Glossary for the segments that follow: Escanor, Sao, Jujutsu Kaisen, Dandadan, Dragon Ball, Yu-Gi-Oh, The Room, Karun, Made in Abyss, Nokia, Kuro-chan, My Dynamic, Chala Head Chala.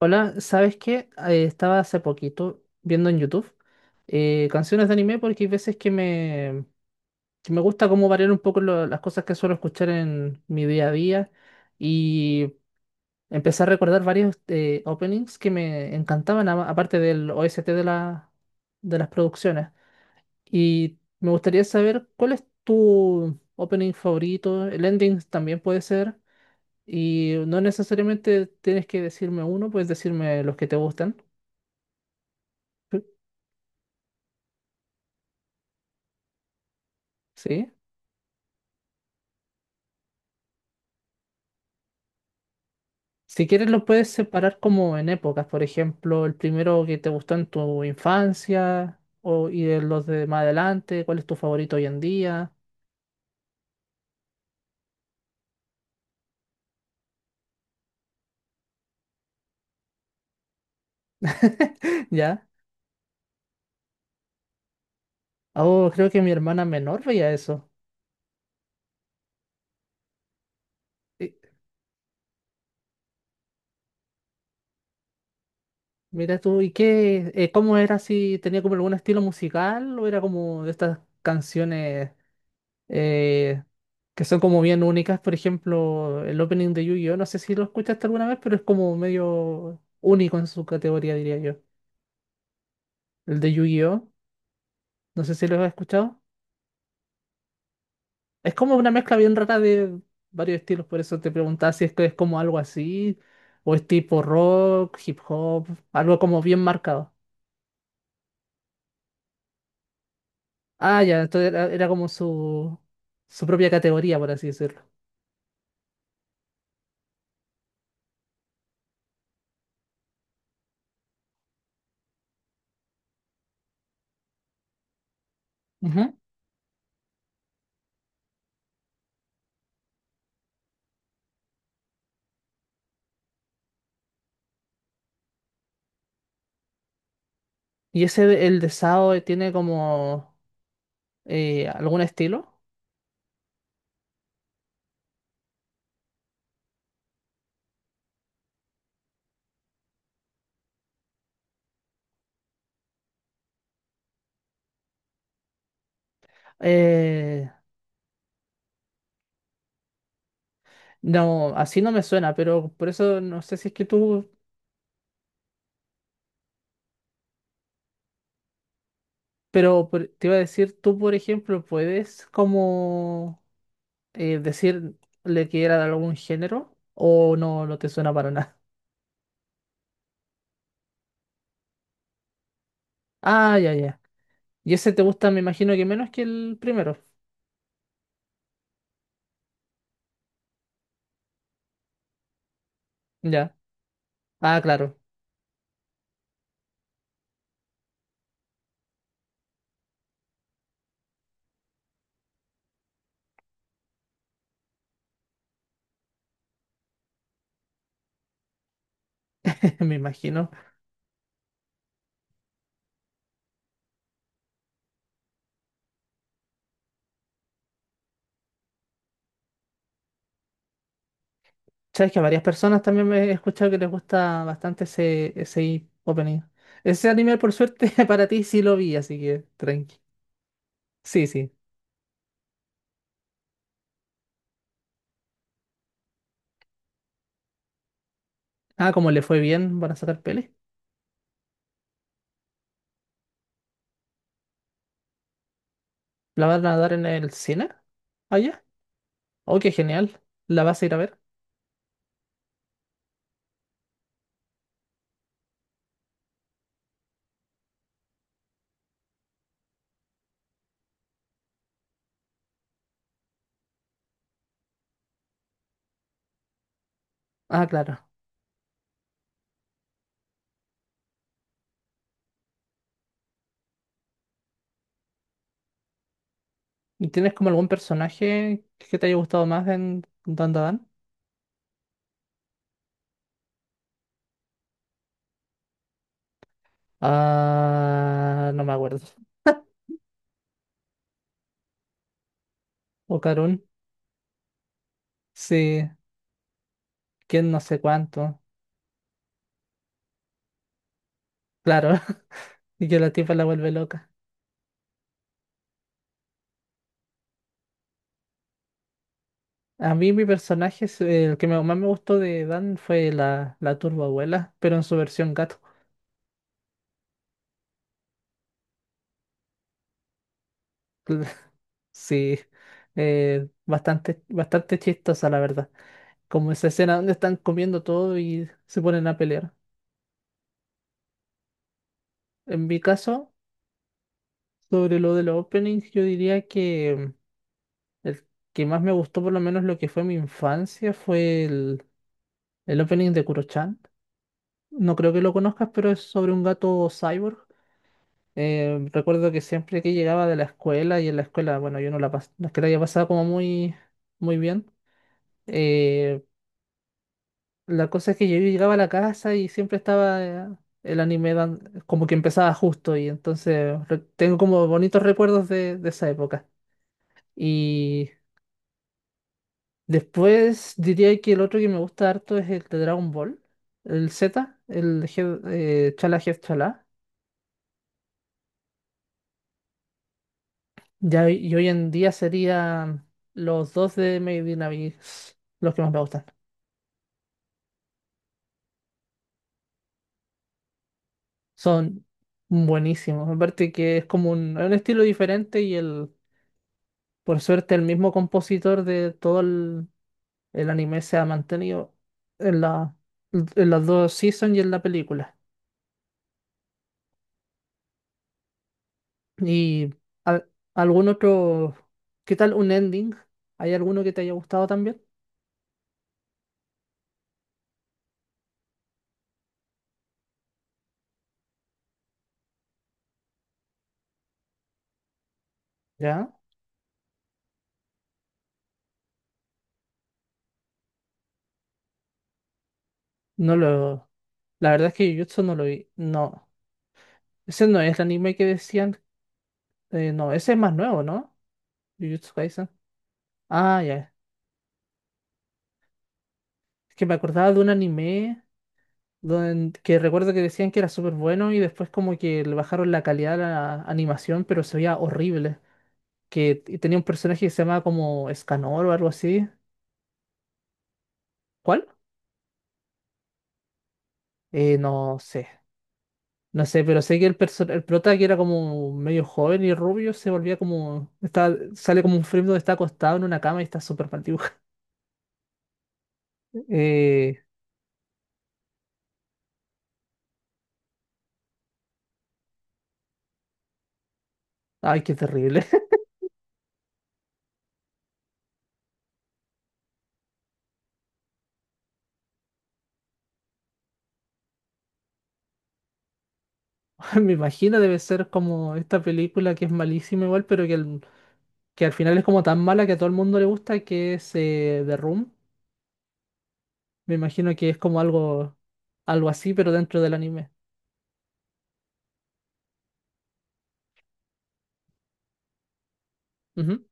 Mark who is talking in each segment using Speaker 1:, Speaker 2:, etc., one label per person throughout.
Speaker 1: Hola, ¿sabes qué? Estaba hace poquito viendo en YouTube canciones de anime porque hay veces que me gusta como variar un poco las cosas que suelo escuchar en mi día a día y empecé a recordar varios openings que me encantaban, aparte del OST de, de las producciones. Y me gustaría saber cuál es tu opening favorito, el ending también puede ser, y no necesariamente tienes que decirme uno, puedes decirme los que te gustan. ¿Sí? Si quieres lo puedes separar como en épocas, por ejemplo, el primero que te gustó en tu infancia o, y de los de más adelante, cuál es tu favorito hoy en día. ¿Ya? Oh, creo que mi hermana menor veía eso. Y- Mira tú, ¿y qué? ¿Cómo era si tenía como algún estilo musical o era como de estas canciones eh, que son como bien únicas? Por ejemplo, el opening de Yu-Gi-Oh, no sé si lo escuchaste alguna vez, pero es como medio único en su categoría, diría yo. El de Yu-Gi-Oh. No sé si lo has escuchado. Es como una mezcla bien rara de varios estilos, por eso te preguntaba si es que es como algo así, o es tipo rock, hip hop, algo como bien marcado. Ah, ya, entonces era como su propia categoría, por así decirlo. Ujú. ¿Y ese, el de Sao, tiene como algún estilo? Eh, no, así no me suena, pero por eso no sé si es que tú, te iba a decir, tú, por ejemplo, puedes como decir le que era de algún género o no, no te suena para nada. Ah, ya, ya. Y ese te gusta, me imagino que menos que el primero. Ya. Ah, claro, me imagino. Sabes que a varias personas también me he escuchado que les gusta bastante ese opening. Ese anime, por suerte, para ti sí lo vi, así que tranqui. Sí, sí. Ah, como le fue bien, van a sacar peli. ¿La van a dar en el cine? Allá. Oh, qué genial. ¿La vas a ir a ver? Ah, claro. ¿Y ¿Tienes como algún personaje que te haya gustado más en Dandadan? Ah, no me acuerdo. O Karun. Sí, quién no sé cuánto. Claro, y que la tipa la vuelve loca. A mí mi personaje, el más me gustó de Dan fue la Turbo Abuela, pero en su versión gato. Sí, bastante, bastante chistosa la verdad. Como esa escena donde están comiendo todo y se ponen a pelear. En mi caso, sobre lo de los openings, yo diría que... El que más me gustó, por lo menos lo que fue mi infancia, fue el opening de Kuro-chan. No creo que lo conozcas, pero es sobre un gato cyborg. Recuerdo que siempre que llegaba de la escuela, y en la escuela, bueno, yo no la, pas- no es que la haya pasado como muy, muy bien. eh, la cosa es que yo llegaba a la casa y siempre estaba el como que empezaba justo, y entonces tengo como bonitos recuerdos de esa época. Y después diría que el otro que me gusta harto es el de Dragon Ball, el Z, el Chala Head Chala. Ya, y hoy en día serían los dos de Made in Abyss los que más me gustan. Son buenísimos. Aparte que es como es un estilo diferente y por suerte el mismo compositor de todo el anime se ha mantenido en en las dos seasons y en la película. ¿Y al- algún otro? ¿Qué tal un ending? ¿Hay alguno que te haya gustado también? ¿Ya? No lo... La verdad es que Jujutsu no lo vi. No. Ese no es el anime que decían. No, ese es más nuevo, ¿no? Jujutsu Kaisen. Ah, ya. Es que me acordaba de un anime que recuerdo que decían que era súper bueno y después como que le bajaron la calidad a la animación, pero se veía horrible. Que tenía un personaje que se llamaba como Escanor o algo así. ¿Cuál? No sé. No sé, pero sé que el prota que era como medio joven y rubio se volvía como. Está, sale como un frame donde está acostado en una cama y está súper mal dibujado. Eh, ay, qué terrible. Me imagino debe ser como esta película que es malísima igual, pero que, que al final es como tan mala que a todo el mundo le gusta, que es The Room. Me imagino que es como algo, algo así, pero dentro del anime. Ujú.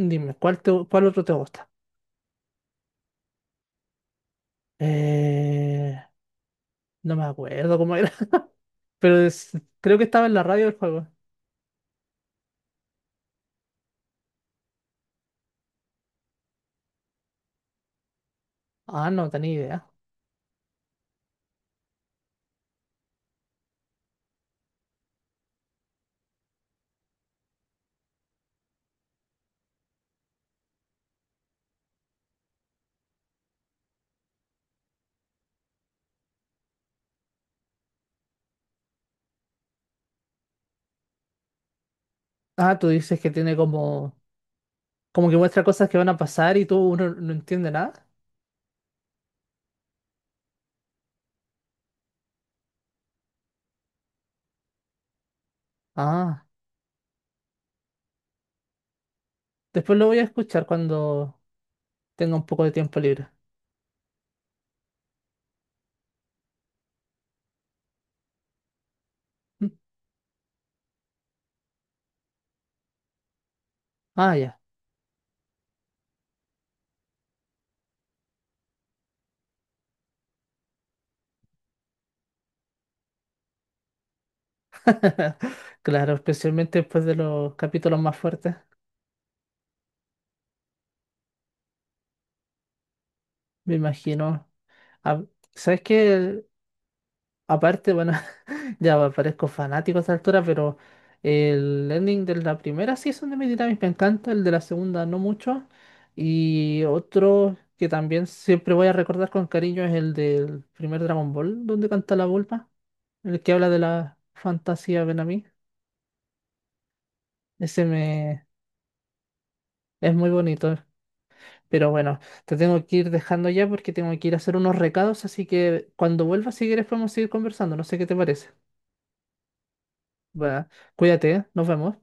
Speaker 1: Dime, ¿cuál otro te gusta? Eh, no me acuerdo cómo era, pero creo que estaba en la radio del juego. Ah, no tenía idea. Ah, tú dices que tiene como, como que muestra cosas que van a pasar y tú uno no entiende nada. Ah, después lo voy a escuchar cuando tenga un poco de tiempo libre. Mm, ah, ya. Claro, especialmente después de los capítulos más fuertes, me imagino. Ah, ¿sabes qué? Aparte, bueno, ya parezco fanático a esa altura, pero el ending de la primera season de My Dynamic me encanta, el de la segunda no mucho. Y otro que también siempre voy a recordar con cariño es el del primer Dragon Ball, donde canta la Vulpa, el que habla de la fantasía Benami. Ese me es muy bonito. Pero bueno, te tengo que ir dejando ya porque tengo que ir a hacer unos recados, así que cuando vuelvas, si quieres, podemos seguir conversando. No sé qué te parece. Va, cuídate, ¿eh? Nos vemos.